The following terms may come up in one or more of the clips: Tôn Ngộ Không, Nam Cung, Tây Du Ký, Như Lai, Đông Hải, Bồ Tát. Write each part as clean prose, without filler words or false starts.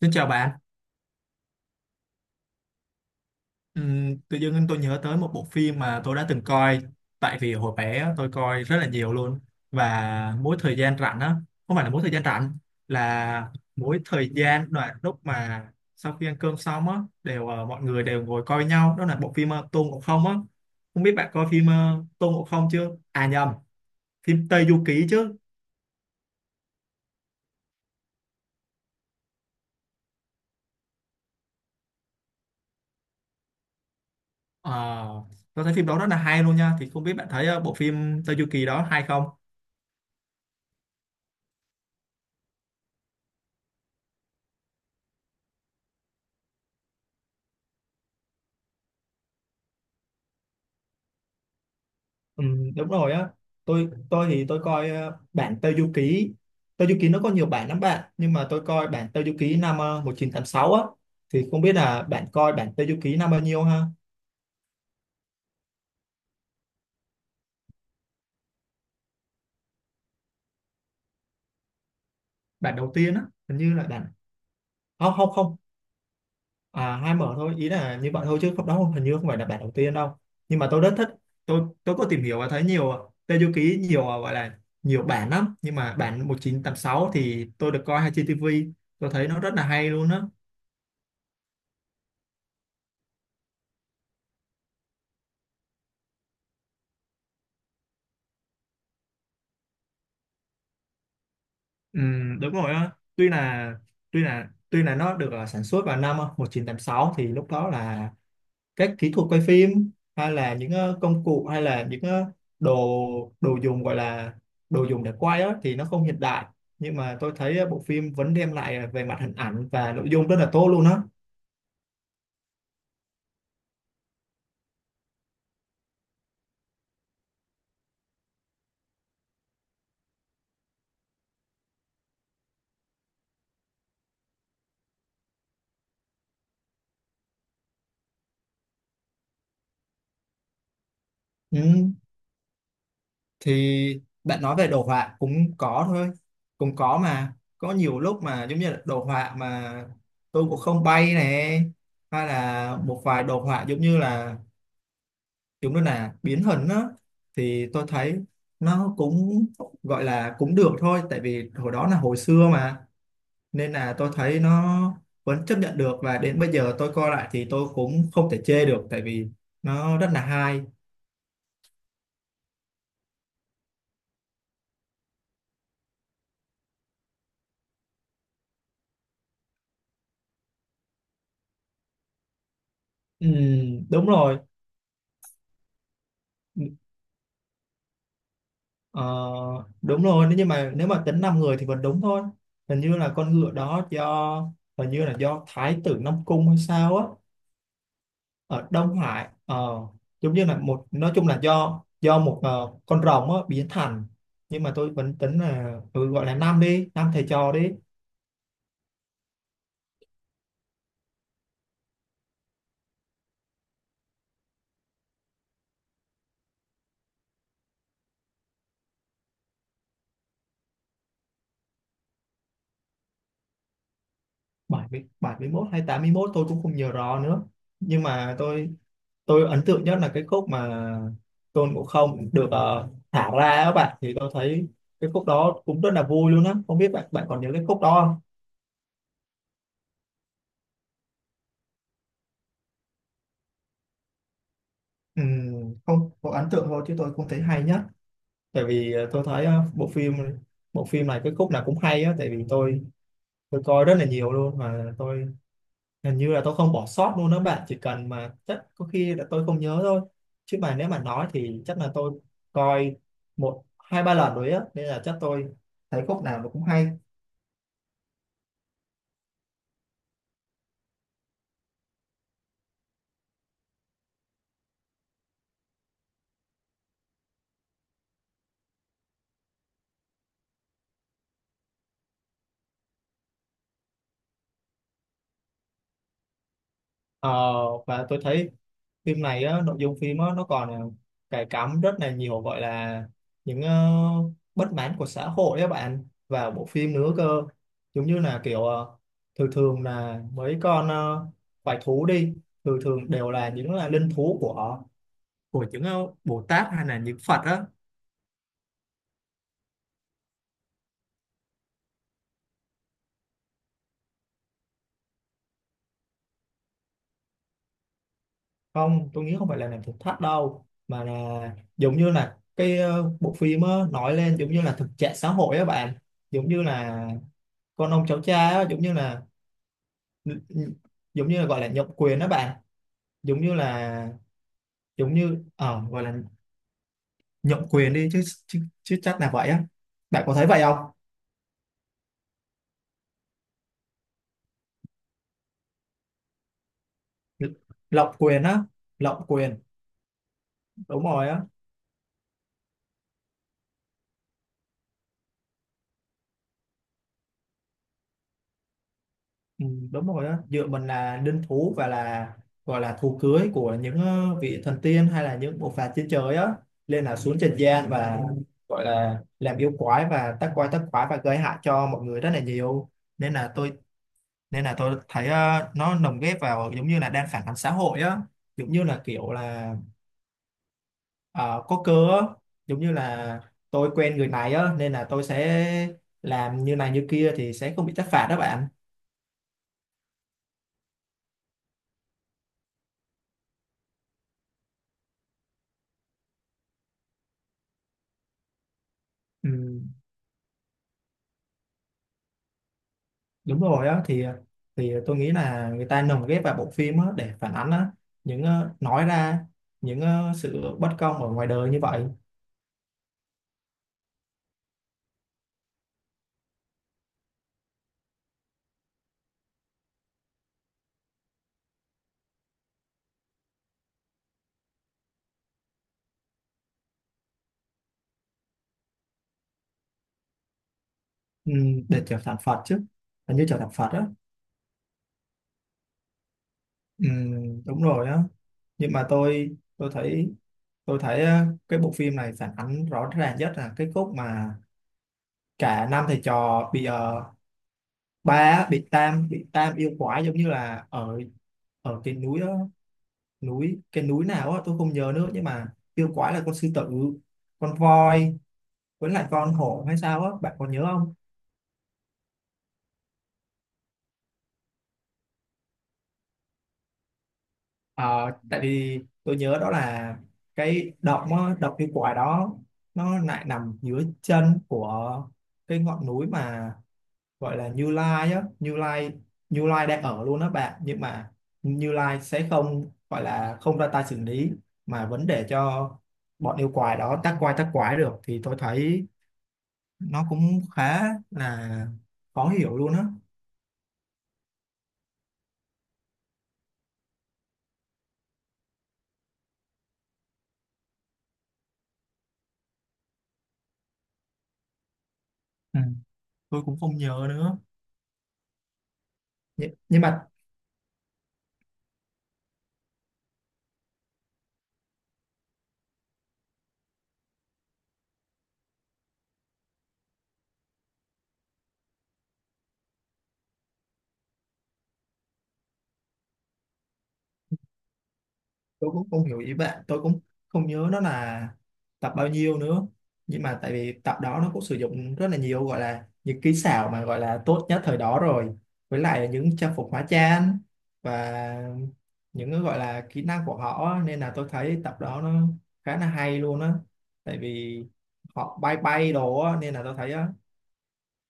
Xin chào bạn. Tự dưng tôi nhớ tới một bộ phim mà tôi đã từng coi, tại vì hồi bé tôi coi rất là nhiều luôn, và mỗi thời gian rảnh á, không phải là mỗi thời gian rảnh, là mỗi thời gian đoạn lúc mà sau khi ăn cơm xong á đều, mọi người đều ngồi coi nhau. Đó là bộ phim Tôn Ngộ Không á. Không biết bạn coi phim Tôn Ngộ Không chưa, à nhầm, phim Tây Du Ký chứ. Ờ, tôi thấy phim đó rất là hay luôn nha, thì không biết bạn thấy bộ phim Tây Du Ký đó hay không. Ừ, đúng rồi á. Tôi thì tôi coi bản Tây Du Ký, Tây Du Ký nó có nhiều bản lắm bạn, nhưng mà tôi coi bản Tây Du Ký năm 1986 á, thì không biết là bạn coi bản Tây Du Ký năm bao nhiêu ha. Bản đầu tiên á, hình như là bản, không không không, à hai mở thôi, ý là như vậy thôi chứ không, đó hình như không phải là bản đầu tiên đâu, nhưng mà tôi rất thích. Tôi có tìm hiểu và thấy nhiều Tây Du Ký, nhiều gọi là nhiều bản lắm, nhưng mà bản 1986 thì tôi được coi hay trên ti vi, tôi thấy nó rất là hay luôn á. Ừ, đúng rồi á. Tuy là tuy là tuy là nó được sản xuất vào năm 1986, thì lúc đó là các kỹ thuật quay phim hay là những công cụ, hay là những đồ, dùng, gọi là đồ dùng để quay á, thì nó không hiện đại. Nhưng mà tôi thấy bộ phim vẫn đem lại về mặt hình ảnh và nội dung rất là tốt luôn á. Ừ. Thì bạn nói về đồ họa cũng có thôi, cũng có mà, có nhiều lúc mà giống như là đồ họa mà tôi cũng không bay này, hay là một vài đồ họa giống như là, giống như là biến hình đó, thì tôi thấy nó cũng gọi là cũng được thôi, tại vì hồi đó là hồi xưa mà, nên là tôi thấy nó vẫn chấp nhận được, và đến bây giờ tôi coi lại thì tôi cũng không thể chê được, tại vì nó rất là hay. Ừ, đúng rồi. Ờ, đúng rồi, nếu như mà nếu mà tính 5 người thì vẫn đúng thôi, hình như là con ngựa đó do, hình như là do thái tử Nam Cung hay sao á, ở Đông Hải, giống như là một, nói chung là do một con rồng á biến thành. Nhưng mà tôi vẫn tính là ừ, gọi là năm đi, năm thầy trò đi. Bảy, bảy mươi, bảy mươi, 71 hay 81 tôi cũng không nhớ rõ nữa, nhưng mà tôi ấn tượng nhất là cái khúc mà Tôn Ngộ Không được thả ra các bạn, thì tôi thấy cái khúc đó cũng rất là vui luôn á. Không biết bạn bạn còn nhớ cái khúc đó không? Không có ấn tượng thôi chứ tôi không thấy hay nhất. Tại vì tôi thấy bộ phim, này cái khúc nào cũng hay á, tại vì tôi coi rất là nhiều luôn, mà tôi hình như là tôi không bỏ sót luôn đó bạn, chỉ cần mà chắc có khi là tôi không nhớ thôi, chứ mà nếu mà nói thì chắc là tôi coi một hai ba lần rồi á, nên là chắc tôi thấy khúc nào nó cũng hay. Ờ, và tôi thấy phim này á, nội dung phim á, nó còn cài cắm rất là nhiều, gọi là những bất mãn của xã hội các bạn vào bộ phim nữa cơ. Giống như là kiểu thường thường là mấy con quái thú đi, thường thường đều là những là linh thú của, những Bồ Tát hay là những Phật á. Không, tôi nghĩ không phải là làm thực thắt đâu, mà là giống như là cái bộ phim á, nói lên giống như là thực trạng xã hội á bạn. Giống như là con ông cháu cha á, giống như là, gọi là nhượng quyền đó bạn, giống như là, giống như gọi là nhượng quyền đi chứ chứ, chứ chắc là vậy á, bạn có thấy vậy không? Lộng quyền á, lộng quyền, đúng rồi á. Ừ, đúng rồi á. Dựa mình là linh thú, và là gọi là thú cưới của những vị thần tiên hay là những bộ phạt trên trời á, lên là xuống trần gian, và gọi là làm yêu quái và tác quái, tác quái và gây hại cho mọi người rất là nhiều. Nên là tôi nên là tôi thấy nó lồng ghép vào giống như là đang phản ánh xã hội á. Giống như là kiểu là ờ, có cơ á, giống như là tôi quen người này á, nên là tôi sẽ làm như này như kia thì sẽ không bị trách phạt đó bạn. Ừ, đúng rồi á. Thì tôi nghĩ là người ta lồng ghép vào bộ phim á để phản ánh á những nói ra những sự bất công ở ngoài đời như vậy. Ừ, để trở thành Phật chứ, hình như trở thành Phật á. Ừ, đúng rồi á. Nhưng mà tôi thấy cái bộ phim này phản ánh rõ ràng nhất là cái khúc mà cả năm thầy trò bị ba á, bị tam yêu quái, giống như là ở, cái núi đó, núi, cái núi nào á tôi không nhớ nữa, nhưng mà yêu quái là con sư tử, con voi, với lại con hổ hay sao á, bạn còn nhớ không? Ờ, tại vì tôi nhớ đó là cái động á, động yêu quái đó nó lại nằm dưới chân của cái ngọn núi mà gọi là Như Lai á, Như Lai đang ở luôn đó bạn, nhưng mà Như Lai sẽ không, gọi là không ra tay xử lý, mà vẫn để cho bọn yêu quái đó tác quái, tác quái được, thì tôi thấy nó cũng khá là khó hiểu luôn á. Ừ. Tôi cũng không nhớ nữa. Nh nhưng mà tôi cũng không hiểu ý bạn, tôi cũng không nhớ nó là tập bao nhiêu nữa, nhưng mà tại vì tập đó nó cũng sử dụng rất là nhiều gọi là những kỹ xảo mà gọi là tốt nhất thời đó rồi, với lại là những trang phục hóa trang và những cái gọi là kỹ năng của họ á. Nên là tôi thấy tập đó nó khá là hay luôn á, tại vì họ bay bay đồ á, nên là tôi thấy á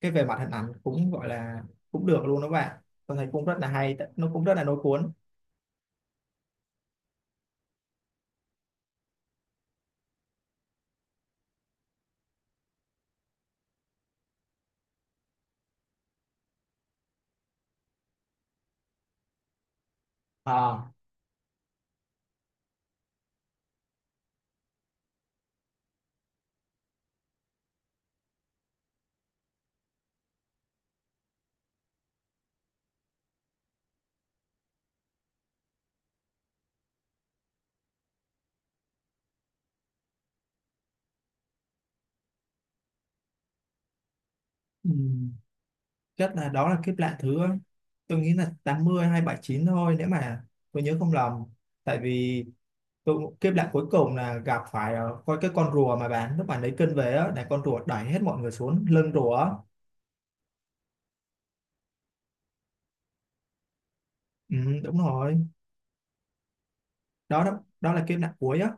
cái về mặt hình ảnh cũng gọi là cũng được luôn đó bạn, tôi thấy cũng rất là hay, nó cũng rất là lôi cuốn. À. Ừ. Chắc là đó là kiếp lạ thứ, tôi nghĩ là 80 hay 79 thôi, nếu mà tôi nhớ không lầm. Tại vì tôi, kiếp lạ cuối cùng là gặp phải coi cái con rùa mà bạn lúc bạn lấy cân về á, là con rùa đẩy hết mọi người xuống lưng rùa á. Ừ, đúng rồi. Đó đó, đó là kiếp nạn cuối á.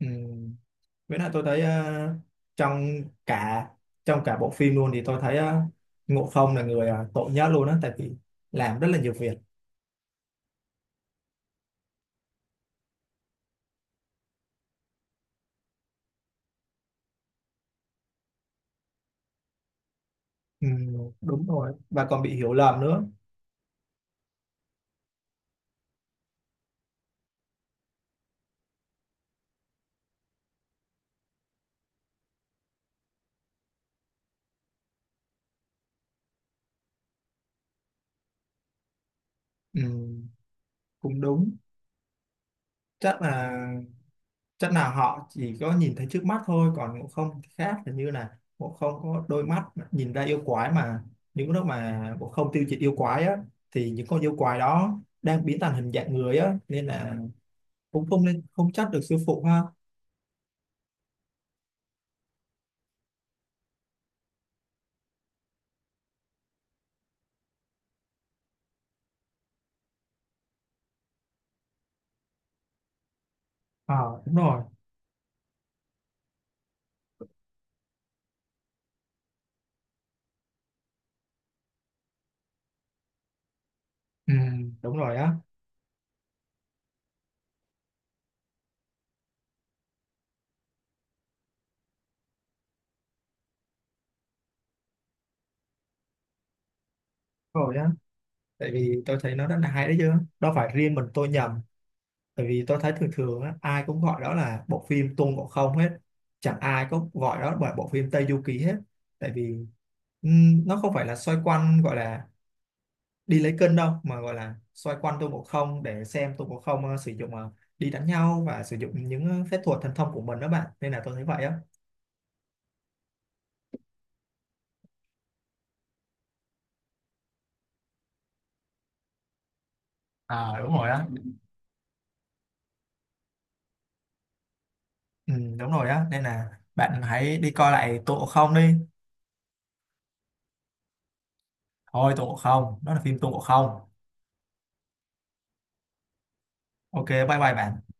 Ừ. Với lại tôi thấy trong cả, bộ phim luôn, thì tôi thấy Ngộ Không là người tội nhất luôn á, tại vì làm rất là nhiều việc. Ừ, đúng rồi, và còn bị hiểu lầm nữa. Ừ, cũng đúng. Chắc là chắc là họ chỉ có nhìn thấy trước mắt thôi, còn Ngộ Không thì khác, là như là Ngộ Không có đôi mắt nhìn ra yêu quái mà, những lúc mà Ngộ Không tiêu diệt yêu quái á thì những con yêu quái đó đang biến thành hình dạng người á, nên là cũng không nên, không trách được sư phụ ha. À, đúng rồi. Ừ, đúng rồi á, đúng rồi á. Tại vì tôi thấy nó rất là hay đấy chứ, đâu phải riêng mình tôi nhầm. Tại vì tôi thấy thường thường á, ai cũng gọi đó là bộ phim Tôn Ngộ Không hết. Chẳng ai có gọi đó là bộ phim Tây Du Ký hết. Tại vì nó không phải là xoay quanh gọi là đi lấy cân đâu, mà gọi là xoay quanh Tôn Ngộ Không để xem Tôn Ngộ Không sử dụng đi đánh nhau và sử dụng những phép thuật thần thông của mình đó bạn. Nên là tôi thấy vậy á. À đúng rồi á. Ừ, đúng rồi á. Nên là bạn hãy đi coi lại Tôn Ngộ Không đi. Thôi Tôn Ngộ Không, đó là phim Tôn Ngộ Không. Ok, bye bye bạn.